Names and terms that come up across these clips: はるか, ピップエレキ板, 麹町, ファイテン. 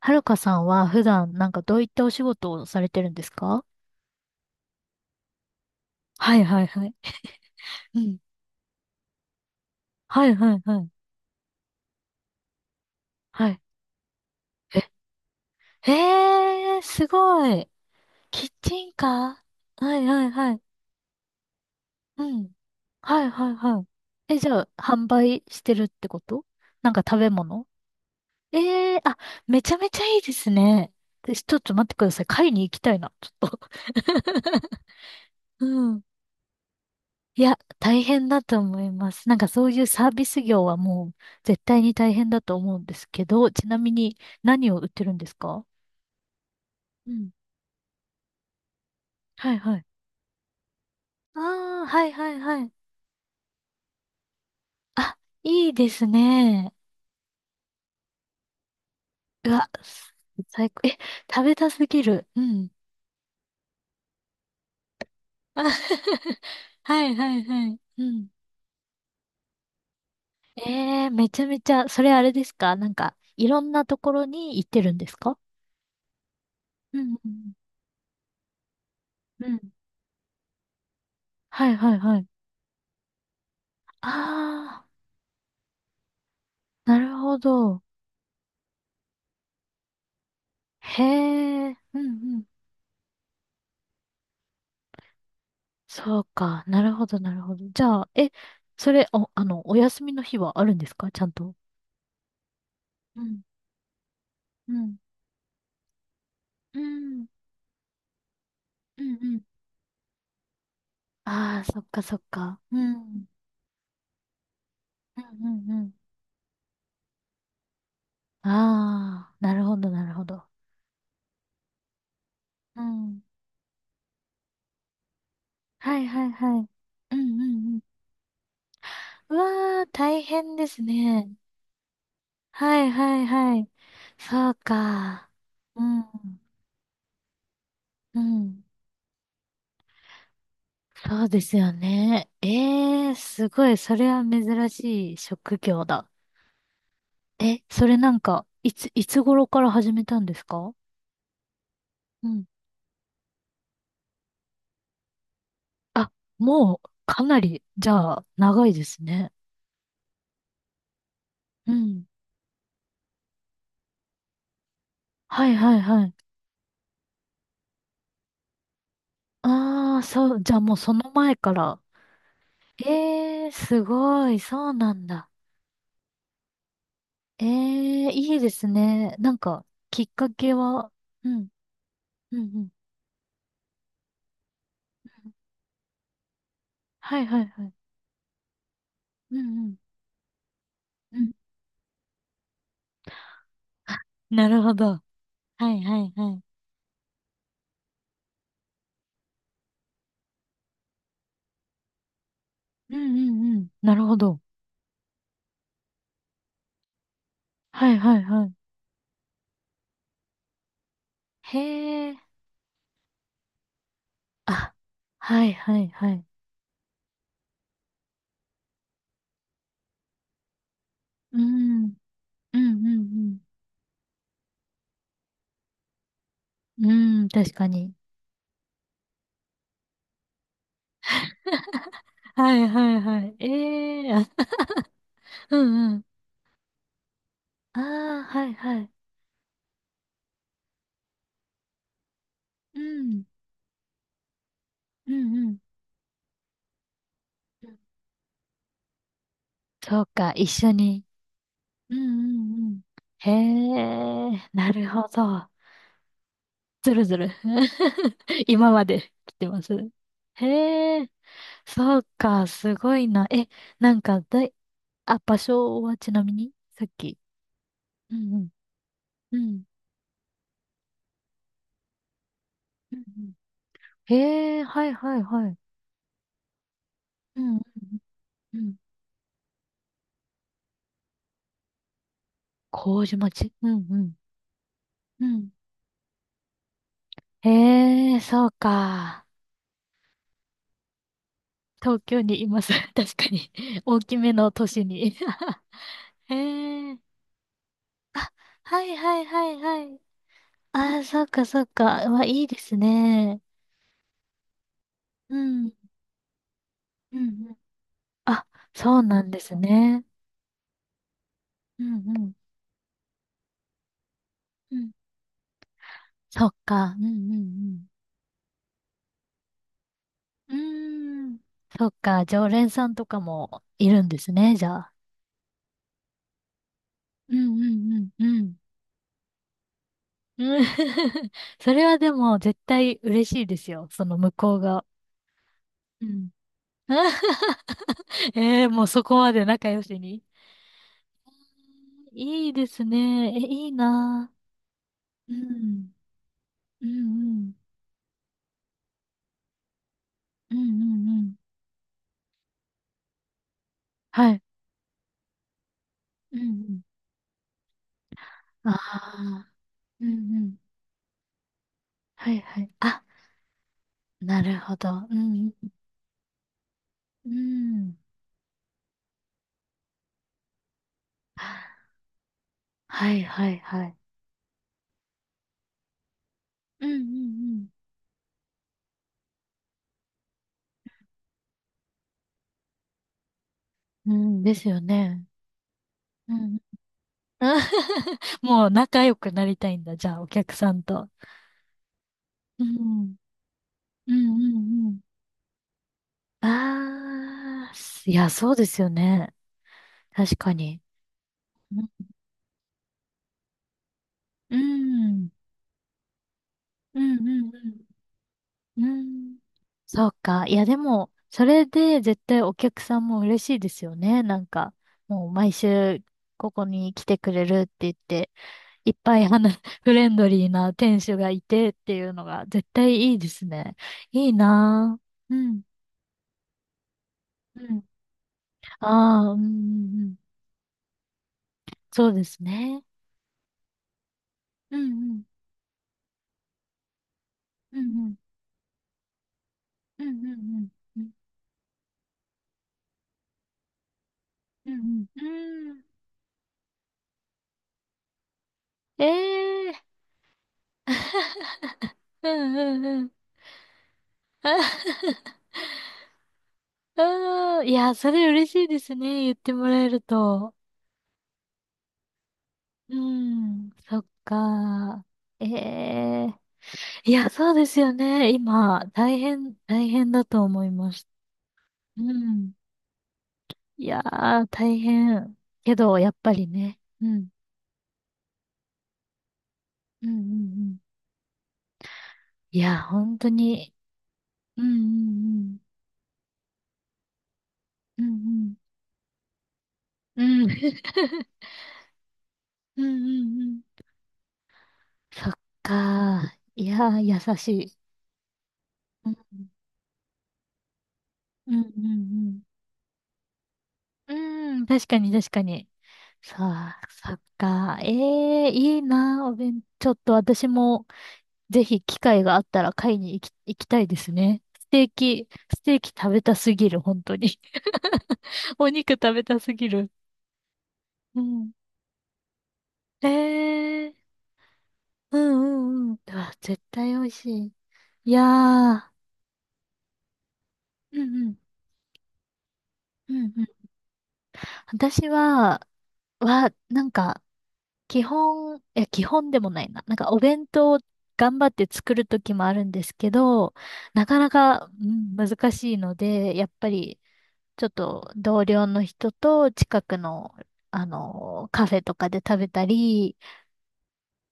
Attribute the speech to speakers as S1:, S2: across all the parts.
S1: はるかさんは普段なんかどういったお仕事をされてるんですか？はいはいはい。うん。はいはいはい。はい。え、えー、すごい。キッチンカー、はいはいはい。うん。はいはいはい。え、じゃあ、販売してるってこと、なんか食べ物？ええー、あ、めちゃめちゃいいですね。で、ちょっと待ってください。買いに行きたいな、ちょっと。うん。いや、大変だと思います。なんかそういうサービス業はもう絶対に大変だと思うんですけど、ちなみに何を売ってるんですか？うん。はいはい。ああ、はいはいはい。あ、いいですね。うわ、最高。え、食べたすぎる。うん。あ はいはいはい。うん。ええ、めちゃめちゃ、それあれですか、なんか、いろんなところに行ってるんですか？うんうんうん。うん。はいはいはい。ああ、なるほど。へえ、うんうん。そうか。なるほど、なるほど。じゃあ、え、それ、お休みの日はあるんですか、ちゃんと。うん、うん、うん、うん、うん。ああ、そっか、そっか。うん、うん、うん、うん。ああ、なるほど、なるほど。うん。はい、はい、はい。うん、うん、うん。うわあ、大変ですね。はい、はい、はい。そうか。うん、うん。そうですよね。ええー、すごい。それは珍しい職業だ。え、それなんか、いつ頃から始めたんですか？うん。あ、もう、かなり、じゃあ、長いですね。うん。はいはいはい。ああ、そう、じゃあもうその前から。ええー、すごい。そうなんだ。ええー、いいですね。なんか、きっかけは、うん、うん、うん。はいはいはい。うん、うん、うん。なるほど。はいはいはい。うんうんうん。なるほど。はいはいはい。へえ。あ、はいはいはい。うん。うんうんうん。うん、確かに。はいはいはい。ええーあ うんうん。ああ、はいはい。うん。うんうん。そうか、一緒に。うんうんうん。へえ、なるほど。ずるずる。今まで来てます。へえ。そうか、すごいな。え、なんかだい、あ、場所はちなみにさっき。うんうん。うん。うんうん。へえ、はいはいはい。うんうんうん。うん、麹町、うんうん。うん。へえ、そうか。東京にいます。確かに。大きめの都市に。へえ。はいはいはいはい。ああ、そうかそうか。わ、いいですね。うん。うんうん。あ、そうなんですね。うんうん。そっか。うんうんうん。うーん。そっか。常連さんとかもいるんですね、じゃあ。うんうんうんうん。うん それはでも絶対嬉しいですよ。その向こうが。うん。ええー、もうそこまで仲良しに。いいですね。え、いいなぁ。うん。うんうんうんうん、うん、はい。うんうん、ああ。うんうん、はいはい。あ、なるほど。うんうん。うん、はいはいはい。うんうんうん、うんですよね。うん。うん。もう仲良くなりたいんだ、じゃあ、お客さんと。うん。うんうんうん。ああ、いや、そうですよね。確かに。うん。うんうんうんうん。うん。そうか。いや、でも、それで絶対お客さんも嬉しいですよね。なんか、もう毎週ここに来てくれるって言って、いっぱい話、フレンドリーな店主がいてっていうのが絶対いいですね。いいなぁ。うん。うん。ああ、うん、うん、うん。そうですね。うん、うん、うん、うん、うん、うん、うん、うん、うんうん。うん、ええー。うん、うん、うん。うん。いや、それ嬉しいですね。言ってもらえると。うん。そっか。ええ、いや、そうですよね。今、大変だと思います。うん。いやー、大変。けど、やっぱりね。うん。うんうんうん。いや、本当に。うんうんうん。うんうん。うん。うんうんうん。そっかー。いやー、優しい。うんうんうんうん。うん、確かに確かに。さあ、そっか。ええ、いいな、お弁、ちょっと私も、ぜひ機会があったら買いに行き、行きたいですね。ステーキ、ステーキ食べたすぎる、本当に。お肉食べたすぎる。うん。ええ、うんうんうん。うわ、絶対美味しい。いやー。うんうん。うんうん。私は、は、なんか、基本でもないな。なんかお弁当を頑張って作る時もあるんですけど、なかなか、うん、難しいので、やっぱりちょっと同僚の人と近くの、あの、カフェとかで食べたり、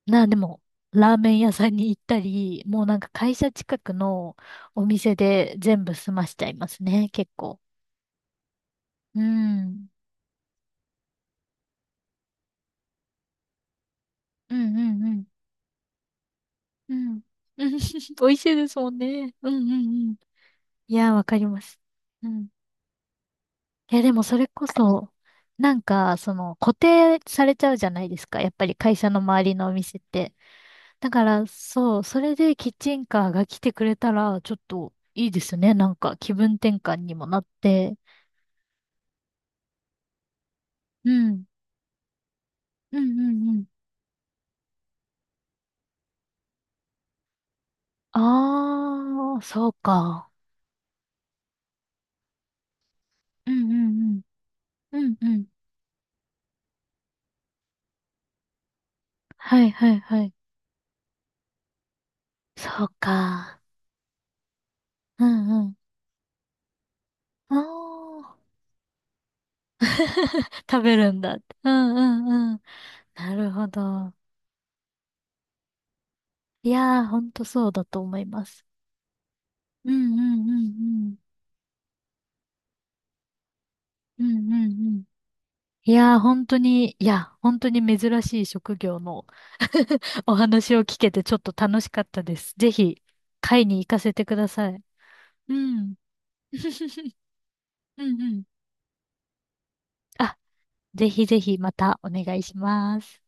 S1: な、でも、ラーメン屋さんに行ったり、もうなんか会社近くのお店で全部済ましちゃいますね、結構。うん。うんうんうん。うん。美味しいですもんね。うんうんうん、いやー、わかります。うん。いや、でもそれこそ、なんか、その、固定されちゃうじゃないですか。やっぱり会社の周りのお店って。だから、そう、それでキッチンカーが来てくれたら、ちょっといいですね。なんか、気分転換にもなって。うん。うんうんうん。あー、そうか。うんうんうん。うんうん。はいはいはい。そうか。うんうん。あー、食べるんだ。うんうんうん。なるほど。いやー、ほんとそうだと思います。うんうんうんうん。うんうんうん。いやー、本当に、いや、本当に珍しい職業の お話を聞けてちょっと楽しかったです。ぜひ、会に行かせてください。うん。うんうん。あ、ぜひぜひまたお願いします。